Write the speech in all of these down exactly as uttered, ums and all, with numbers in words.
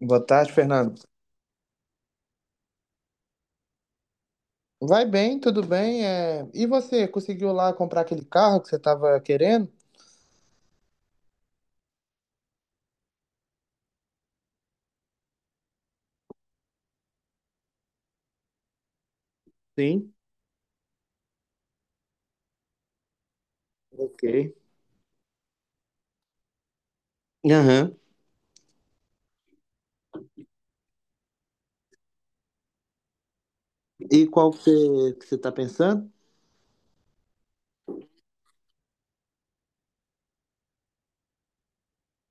Boa tarde, Fernando. Vai bem, tudo bem. É. E você, conseguiu lá comprar aquele carro que você estava querendo? Sim, ok. Aham. E qual que você que você tá pensando?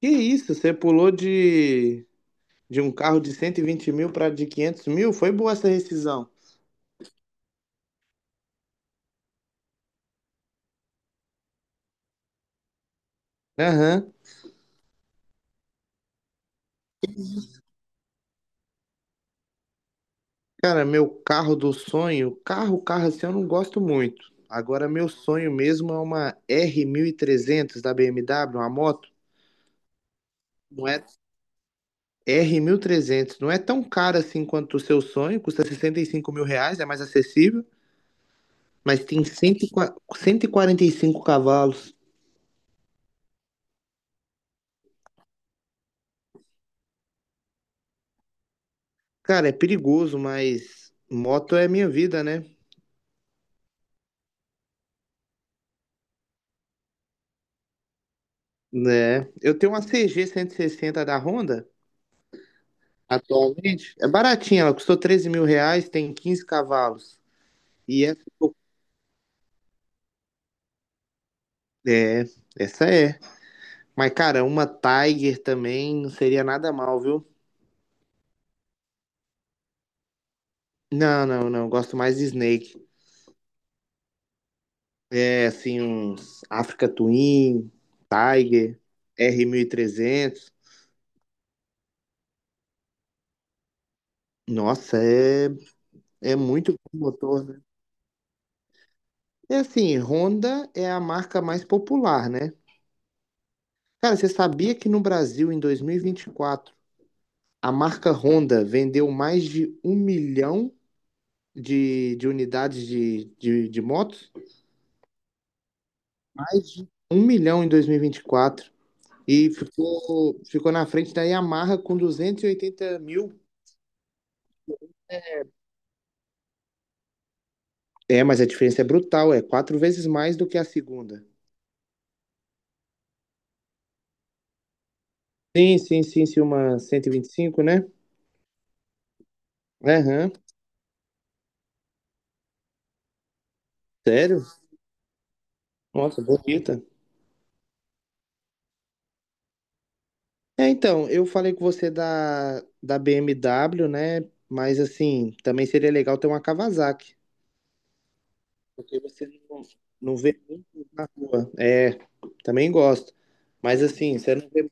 Que isso, você pulou de, de um carro de cento e vinte mil para de quinhentos mil? Foi boa essa rescisão. Aham. Cara, meu carro do sonho, carro, carro assim eu não gosto muito. Agora, meu sonho mesmo é uma R mil e trezentos da B M W, uma moto. Não é. R mil e trezentos não é tão caro assim quanto o seu sonho, custa sessenta e cinco mil reais, é mais acessível, mas tem cento e qua- cento e quarenta e cinco cavalos. Cara, é perigoso, mas moto é minha vida, né? Né? Eu tenho uma C G sessenta da Honda atualmente, é baratinha, ela custou treze mil reais, tem quinze cavalos. E essa é, essa é. Mas, cara, uma Tiger também não seria nada mal, viu? Não, não, não, gosto mais de Snake. É, assim, uns Africa Twin, Tiger, R mil e trezentos. Nossa, é, é muito bom motor, né? É assim, Honda é a marca mais popular, né? Cara, você sabia que no Brasil, em dois mil e vinte e quatro, a marca Honda vendeu mais de um milhão de, de, unidades de, de, de motos? Mais de um milhão em dois mil e vinte e quatro. E vinte e quatro. E ficou, ficou na frente da Yamaha com duzentos e oitenta mil. É, mas a diferença é brutal, é quatro vezes mais do que a segunda. Sim, sim, sim, sim, uma cento e e vinte e cinco, né? Aham, sério? Nossa, bonita. É, então, eu falei com você da, da B M W, né? Mas assim, também seria legal ter uma Kawasaki, porque você não, não vê muito na rua. É, também gosto. Mas assim, você não vê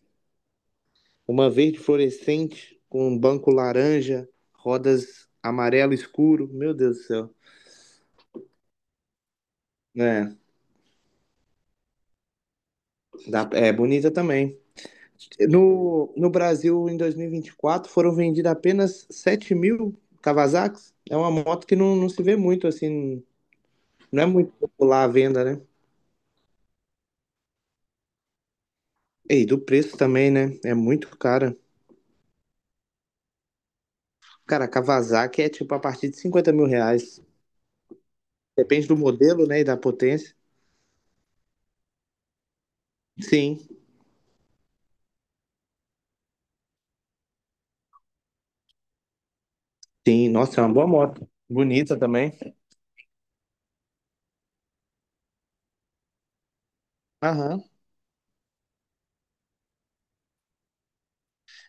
uma verde fluorescente com um banco laranja, rodas amarelo escuro, meu Deus do céu. É, dá- é bonita também. No, no Brasil, em dois mil e vinte e quatro, foram vendidas apenas sete mil Kawasaki's. É uma moto que não, não se vê muito, assim, não é muito popular a venda, né? E do preço também, né? É muito cara. Cara, a Kawasaki é tipo a partir de cinquenta mil reais. Depende do modelo, né? E da potência. Sim, sim. Nossa, é uma boa moto. Bonita também. Aham.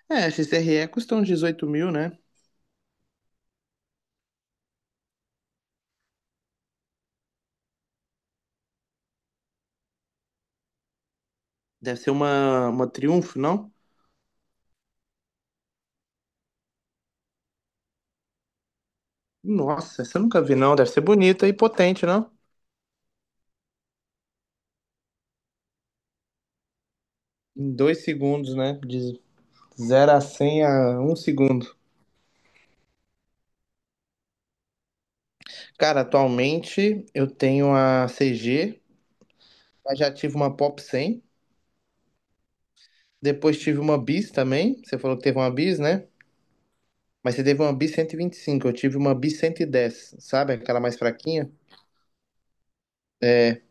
É, a X R E custa uns dezoito mil, né? Deve ser uma, uma Triumph, não? Nossa, essa eu nunca vi, não. Deve ser bonita e potente, não? Em dois segundos, né? De zero a cem a um segundo. Cara, atualmente eu tenho a C G, mas já tive uma Pop cem. Depois tive uma Bis também. Você falou que teve uma Bis, né? Mas você teve uma Bis cento e vinte e cinco. Eu tive uma Bis cento e dez, sabe? Aquela mais fraquinha. É,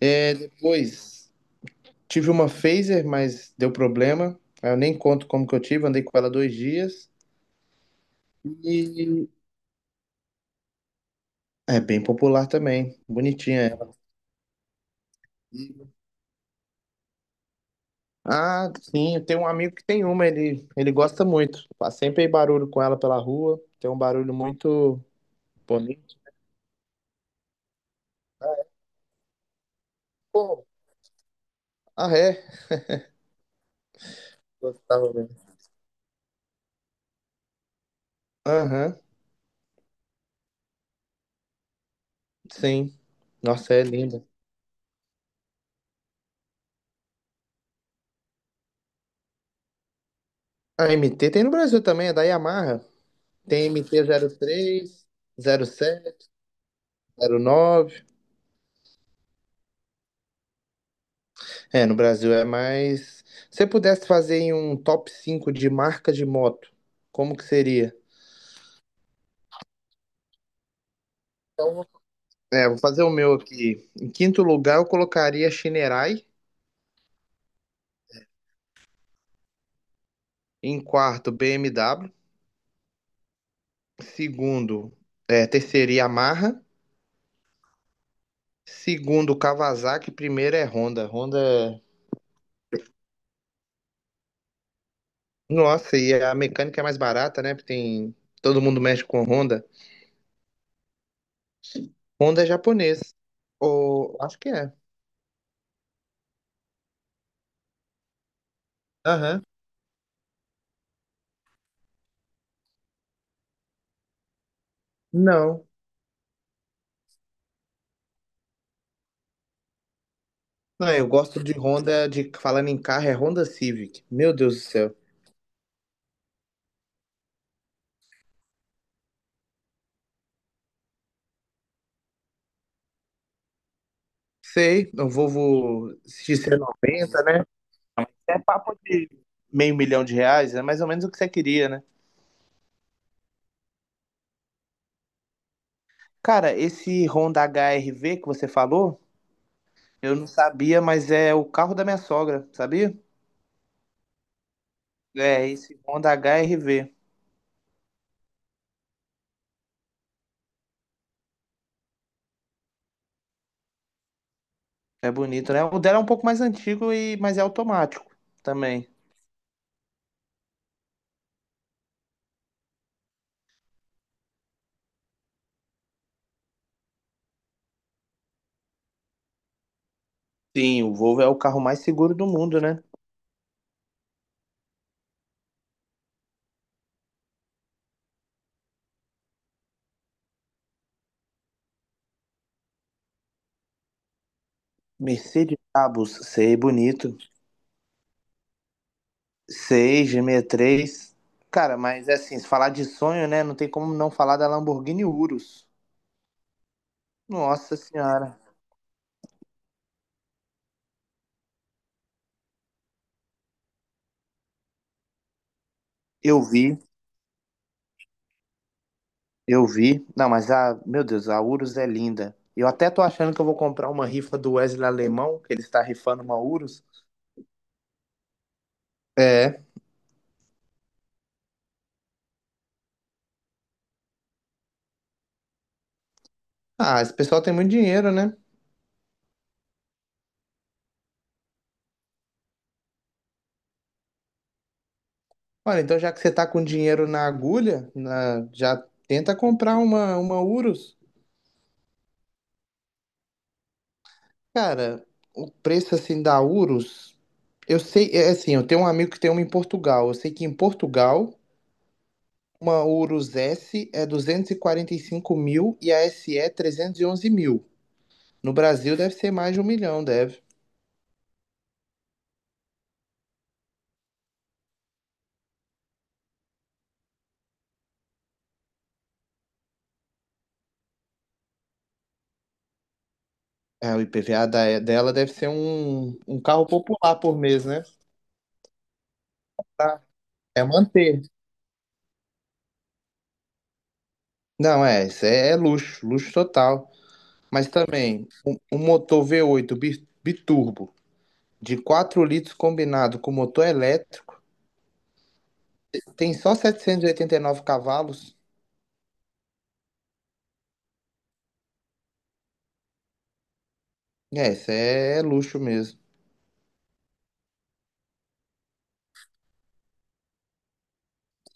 é, depois tive uma Phaser, mas deu problema. Eu nem conto como que eu tive. Andei com ela dois dias. E é bem popular também. Bonitinha ela. Ah, sim, eu tenho um amigo que tem uma, ele, ele gosta muito. Faz sempre barulho com ela pela rua, tem um barulho muito bonito. Pô, ah, é? Gostava mesmo. Aham, sim. Nossa, é linda. A M T tem no Brasil também, é da Yamaha. Tem M T sete, zero nove. É, no Brasil é mais. Se você pudesse fazer em um top cinco de marca de moto, como que seria? É, vou fazer o meu aqui. Em quinto lugar, eu colocaria Shinerai. Em quarto, B M W. Segundo, é, terceiro, Yamaha. Segundo, Kawasaki. Primeiro é Honda. Honda é... Nossa, e a mecânica é mais barata, né? Porque tem... Todo mundo mexe com Honda. Honda é japonês. Ou... Acho que é. Aham. Não. Não, eu gosto de Honda, de falando em carro, é Honda Civic. Meu Deus do céu. Sei, o Volvo XC noventa, né? E meio milhão de reais, é mais ou menos o que você queria, né? Cara, esse Honda H R V que você falou, eu não sabia, mas é o carro da minha sogra, sabia? É, esse Honda H R V. É bonito, né? O dela é um pouco mais antigo, e, mas é automático também. Sim, o Volvo é o carro mais seguro do mundo, né? Mercedes Brabus, sei, bonito. Seis, G sessenta e três. Cara, mas é assim, se falar de sonho, né? Não tem como não falar da Lamborghini Urus. Nossa Senhora. Eu vi. Eu vi. Não, mas a, meu Deus, a Urus é linda. Eu até tô achando que eu vou comprar uma rifa do Wesley Alemão, que ele está rifando uma Urus. É. Ah, esse pessoal tem muito dinheiro, né? Olha, então já que você tá com dinheiro na agulha, na- já tenta comprar uma, uma Urus. Cara, o preço assim da Urus, eu sei, é assim, eu tenho um amigo que tem uma em Portugal. Eu sei que em Portugal, uma Urus S é duzentos e e quarenta e cinco mil e a S E é onze mil. No Brasil deve ser mais de um milhão, deve. É, o ipeva da- dela deve ser um, um carro popular por mês, né? Tá. É manter. Não, é, isso é, é luxo, luxo total. Mas também, um, um motor V oito bi- biturbo de quatro litros combinado com motor elétrico tem só setecentos e e oitenta e nove cavalos. É, isso é, é luxo mesmo.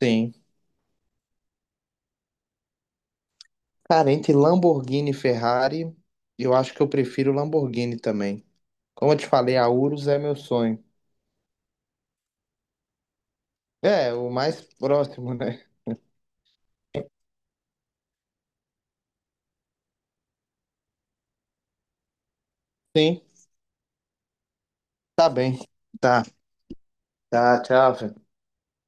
Sim. Cara, entre Lamborghini e Ferrari, eu acho que eu prefiro Lamborghini também. Como eu te falei, a Urus é meu sonho. É, o mais próximo, né? Sim, tá bem. Tá, tá, tchau, Fê.